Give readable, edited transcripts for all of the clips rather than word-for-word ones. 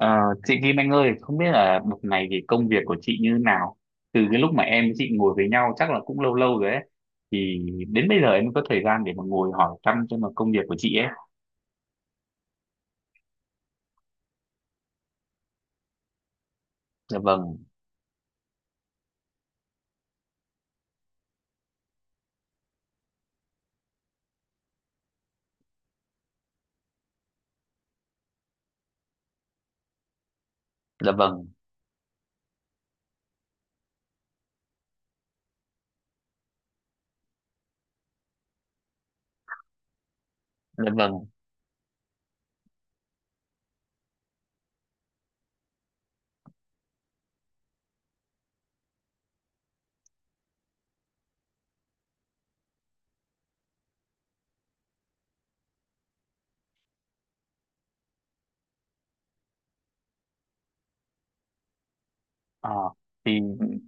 Ờ, chị Kim Anh ơi, không biết là một ngày thì công việc của chị như nào? Từ cái lúc mà em với chị ngồi với nhau chắc là cũng lâu lâu rồi ấy. Thì đến bây giờ em mới có thời gian để mà ngồi hỏi thăm xem là công việc của chị ấy. Dạ vâng, dạ vâng, dạ vâng. Ờ, thì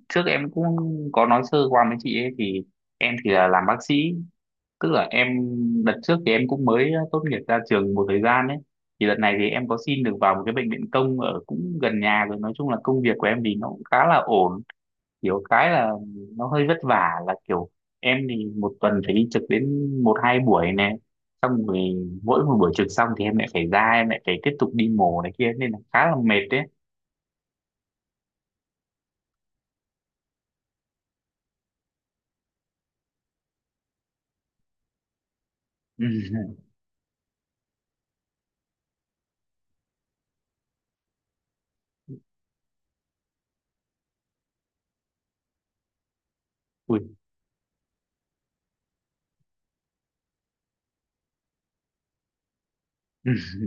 trước em cũng có nói sơ qua với chị ấy thì em thì là làm bác sĩ. Tức là em đợt trước thì em cũng mới tốt nghiệp ra trường một thời gian ấy. Thì đợt này thì em có xin được vào một cái bệnh viện công ở cũng gần nhà rồi. Nói chung là công việc của em thì nó cũng khá là ổn kiểu cái là nó hơi vất vả là kiểu em thì một tuần phải đi trực đến một hai buổi này xong rồi mỗi một buổi trực xong thì em lại phải ra em lại phải tiếp tục đi mổ này kia nên là khá là mệt đấy. Ui,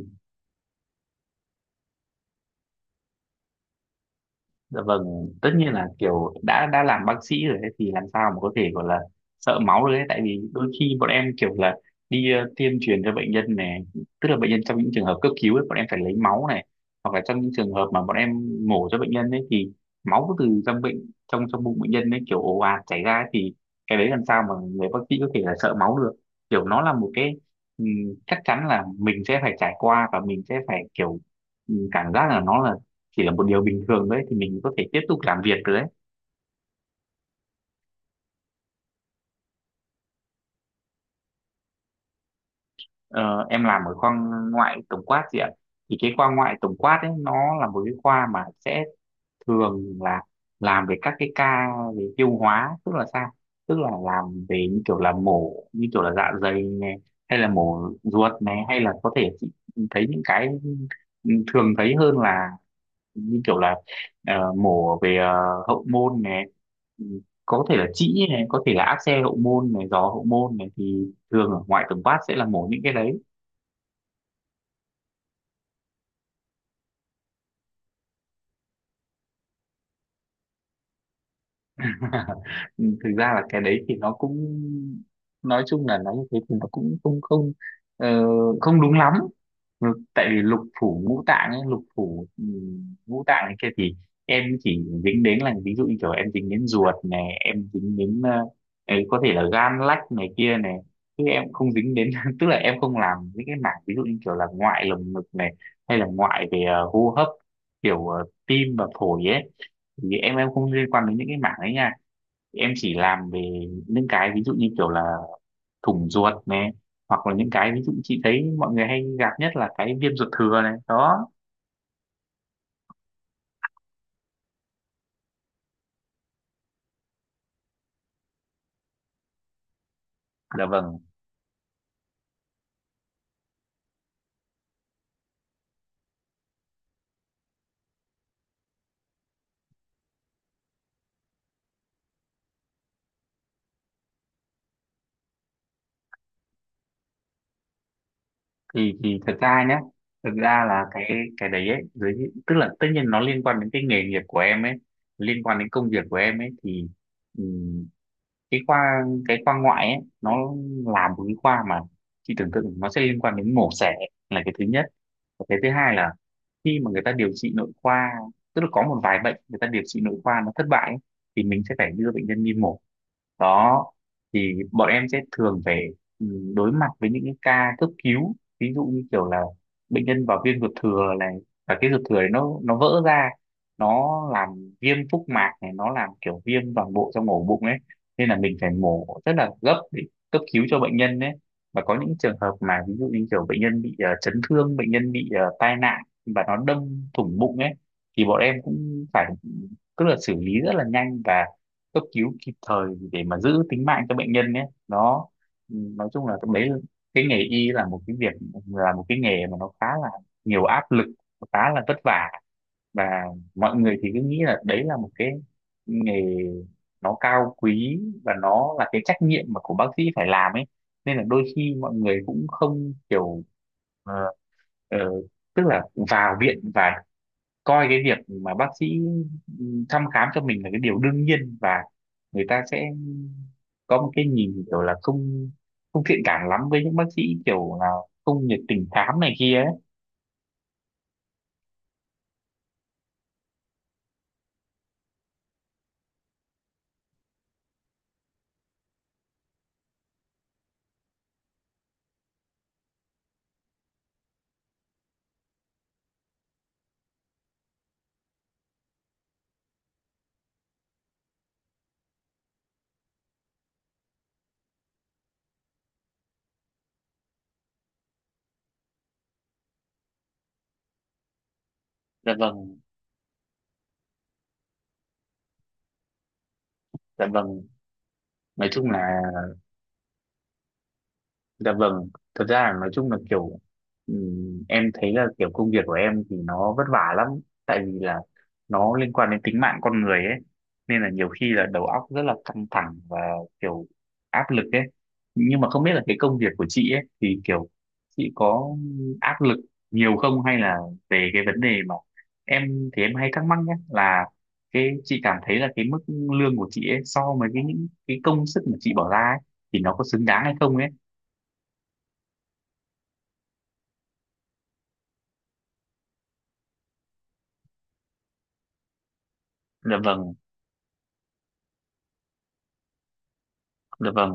dạ vâng, tất nhiên là kiểu đã làm bác sĩ rồi ấy, thì làm sao mà có thể gọi là sợ máu được ấy tại vì đôi khi bọn em kiểu là đi tiêm truyền cho bệnh nhân này, tức là bệnh nhân trong những trường hợp cấp cứu ấy, bọn em phải lấy máu này hoặc là trong những trường hợp mà bọn em mổ cho bệnh nhân ấy thì máu từ trong bệnh trong trong bụng bệnh nhân ấy kiểu ồ ạt chảy ra ấy, thì cái đấy làm sao mà người bác sĩ có thể là sợ máu được. Kiểu nó là một cái ừm, chắc chắn là mình sẽ phải trải qua và mình sẽ phải kiểu cảm giác là nó là chỉ là một điều bình thường đấy thì mình có thể tiếp tục làm việc được đấy. Ờ, em làm ở khoa ngoại tổng quát gì ạ, thì cái khoa ngoại tổng quát ấy nó là một cái khoa mà sẽ thường là làm về các cái ca về tiêu hóa tức là sao, tức là làm về như kiểu là mổ như kiểu là dạ dày này hay là mổ ruột này hay là có thể chị thấy những cái thường thấy hơn là như kiểu là mổ về hậu môn này. Ừ, có thể là trĩ này có thể là áp xe hậu môn này giò hậu môn này thì thường ở ngoại tổng quát sẽ là mổ những cái đấy. Thực ra là cái đấy thì nó cũng nói chung là nói như thế thì nó cũng không không ờ, không đúng lắm. Ừ, tại vì lục phủ ngũ tạng ấy lục phủ ngũ tạng ấy kia thì em chỉ dính đến là ví dụ như kiểu em dính đến ruột này em dính đến ấy có thể là gan lách này kia này chứ em không dính đến tức là em không làm những cái mảng ví dụ như kiểu là ngoại lồng ngực này hay là ngoại về hô hấp kiểu tim và phổi ấy thì em không liên quan đến những cái mảng ấy nha em chỉ làm về những cái ví dụ như kiểu là thủng ruột này hoặc là những cái ví dụ chị thấy mọi người hay gặp nhất là cái viêm ruột thừa này đó. Dạ vâng, thì thật ra nhé, thật ra là cái đấy ấy dưới tức là tất nhiên nó liên quan đến cái nghề nghiệp của em ấy liên quan đến công việc của em ấy thì ừm, cái khoa cái khoa ngoại ấy nó là một cái khoa mà chị tưởng tượng nó sẽ liên quan đến mổ xẻ là cái thứ nhất, cái thứ hai là khi mà người ta điều trị nội khoa tức là có một vài bệnh người ta điều trị nội khoa nó thất bại ấy, thì mình sẽ phải đưa bệnh nhân đi mổ đó thì bọn em sẽ thường phải ừ, đối mặt với những cái ca cấp cứu ví dụ như kiểu là bệnh nhân vào viêm ruột thừa này và cái ruột thừa này nó vỡ ra nó làm viêm phúc mạc này nó làm kiểu viêm toàn bộ trong ổ bụng ấy nên là mình phải mổ rất là gấp để cấp cứu cho bệnh nhân đấy và có những trường hợp mà ví dụ như kiểu bệnh nhân bị chấn thương bệnh nhân bị tai nạn và nó đâm thủng bụng ấy thì bọn em cũng phải tức là xử lý rất là nhanh và cấp cứu kịp thời để mà giữ tính mạng cho bệnh nhân ấy đó. Ừ, nói chung là cái đấy cái nghề y là một cái việc là một cái nghề mà nó khá là nhiều áp lực nó khá là vất vả và mọi người thì cứ nghĩ là đấy là một cái nghề nó cao quý và nó là cái trách nhiệm mà của bác sĩ phải làm ấy nên là đôi khi mọi người cũng không kiểu ờ, ờ, tức là vào viện và coi cái việc mà bác sĩ thăm khám cho mình là cái điều đương nhiên và người ta sẽ có một cái nhìn kiểu là không không thiện cảm lắm với những bác sĩ kiểu là không nhiệt tình khám này kia ấy. Dạ vâng, dạ vâng. Nói chung là dạ vâng, thật ra là nói chung là kiểu em thấy là kiểu công việc của em thì nó vất vả lắm tại vì là nó liên quan đến tính mạng con người ấy nên là nhiều khi là đầu óc rất là căng thẳng và kiểu áp lực ấy nhưng mà không biết là cái công việc của chị ấy thì kiểu chị có áp lực nhiều không hay là về cái vấn đề mà em thì em hay thắc mắc nhé là cái chị cảm thấy là cái mức lương của chị ấy so với cái những cái công sức mà chị bỏ ra ấy, thì nó có xứng đáng hay không ấy. Dạ vâng, dạ vâng,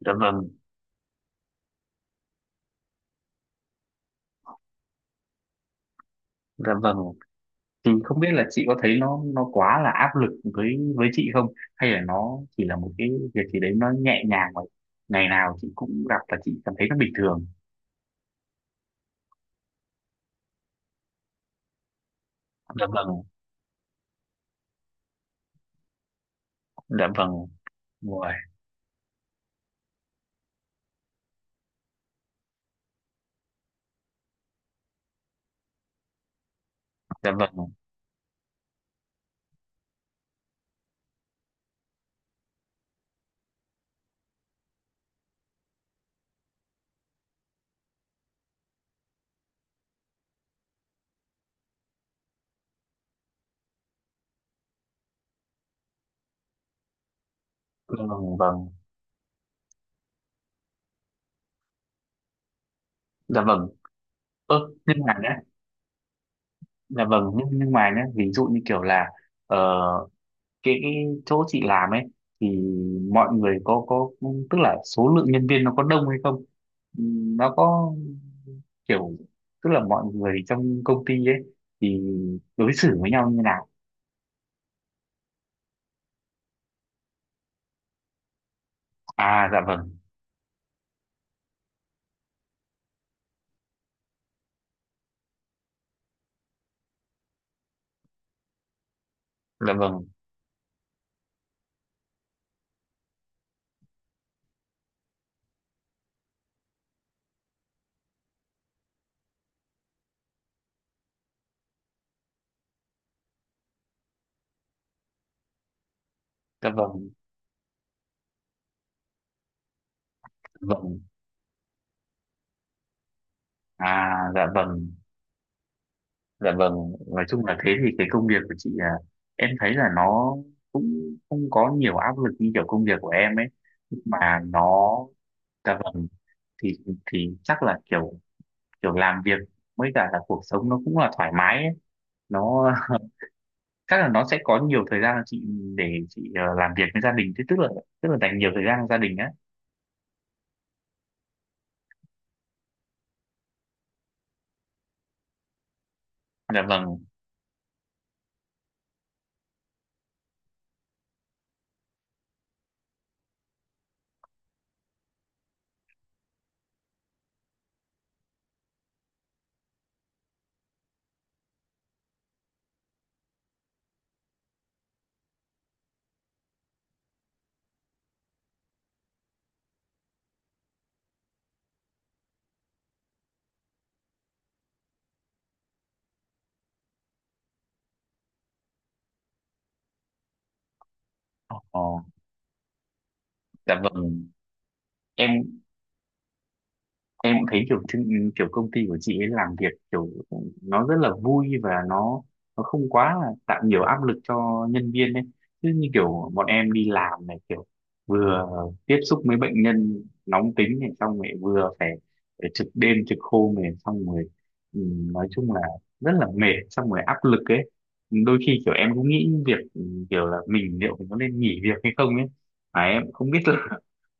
dạ vâng, dạ vâng, thì không biết là chị có thấy nó quá là áp lực với chị không hay là nó chỉ là một cái việc gì đấy nó nhẹ nhàng mà ngày nào chị cũng gặp và chị cảm thấy nó bình thường. Dạ vâng, dạ vâng, rồi, dạ vâng, vâng vâng, dạ vâng, ơ nhưng mà nhé, dạ vâng nhưng mà nhé ví dụ như kiểu là ờ, cái chỗ chị làm ấy thì mọi người có tức là số lượng nhân viên nó có đông hay không. Ừ, nó có kiểu tức là mọi người trong công ty ấy thì đối xử với nhau như nào. À, dạ vâng, dạ vâng, dạ vâng, dạ vâng, à dạ vâng, dạ vâng, nói chung là thế thì cái công việc của chị em thấy là nó cũng không có nhiều áp lực như kiểu công việc của em ấy mà nó dạ vâng thì thì chắc là kiểu kiểu làm việc với cả là cuộc sống nó cũng là thoải mái ấy. Nó chắc là nó sẽ có nhiều thời gian chị để chị làm việc với gia đình thế tức là dành nhiều thời gian cho gia đình á. Dạ vâng. Ồ, dạ vâng. Em em cũng thấy kiểu chương- kiểu công ty của chị ấy làm việc kiểu nó rất là vui và nó không quá là tạo nhiều áp lực cho nhân viên ấy chứ như kiểu bọn em đi làm này kiểu vừa tiếp xúc với bệnh nhân nóng tính này xong rồi vừa phải, phải trực đêm trực hôm này xong rồi ừ, nói chung là rất là mệt xong rồi áp lực ấy đôi khi kiểu em cũng nghĩ việc kiểu là mình liệu mình có nên nghỉ việc hay không ấy mà em cũng không biết là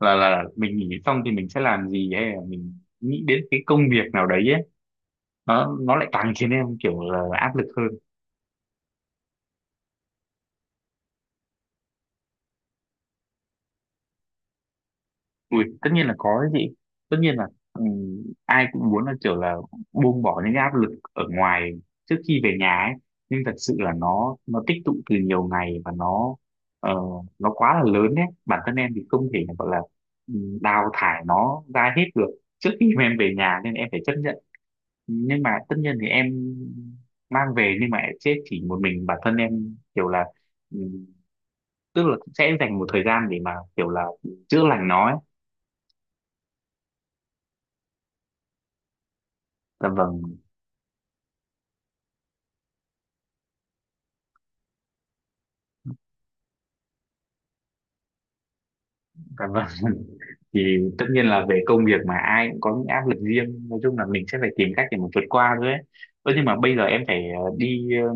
là mình nghỉ xong thì mình sẽ làm gì hay là mình nghĩ đến cái công việc nào đấy ấy, nó lại càng khiến em kiểu là áp lực hơn. Ui, tất nhiên là có đấy chị, tất nhiên là ừ, ai cũng muốn là kiểu là buông bỏ những cái áp lực ở ngoài trước khi về nhà ấy nhưng thật sự là nó tích tụ từ nhiều ngày và nó ờ, nó quá là lớn đấy bản thân em thì không thể gọi là đào thải nó ra hết được trước khi mà em về nhà nên em phải chấp nhận nhưng mà tất nhiên thì em mang về nhưng mà sẽ chỉ một mình bản thân em kiểu là ừ, tức là sẽ dành một thời gian để mà kiểu là chữa lành nó ấy. Dạ vâng, dạ vâng. Thì tất nhiên là về công việc mà ai cũng có những áp lực riêng, nói chung là mình sẽ phải tìm cách để mà vượt qua thôi ấy. Ơ nhưng mà bây giờ em phải đi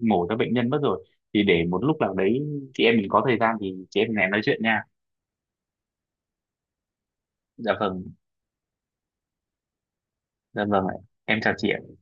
mổ cho bệnh nhân mất rồi. Thì để một lúc nào đấy chị em mình có thời gian thì chị em mình lại nói chuyện nha. Dạ vâng, dạ vâng ạ. Em chào chị ạ.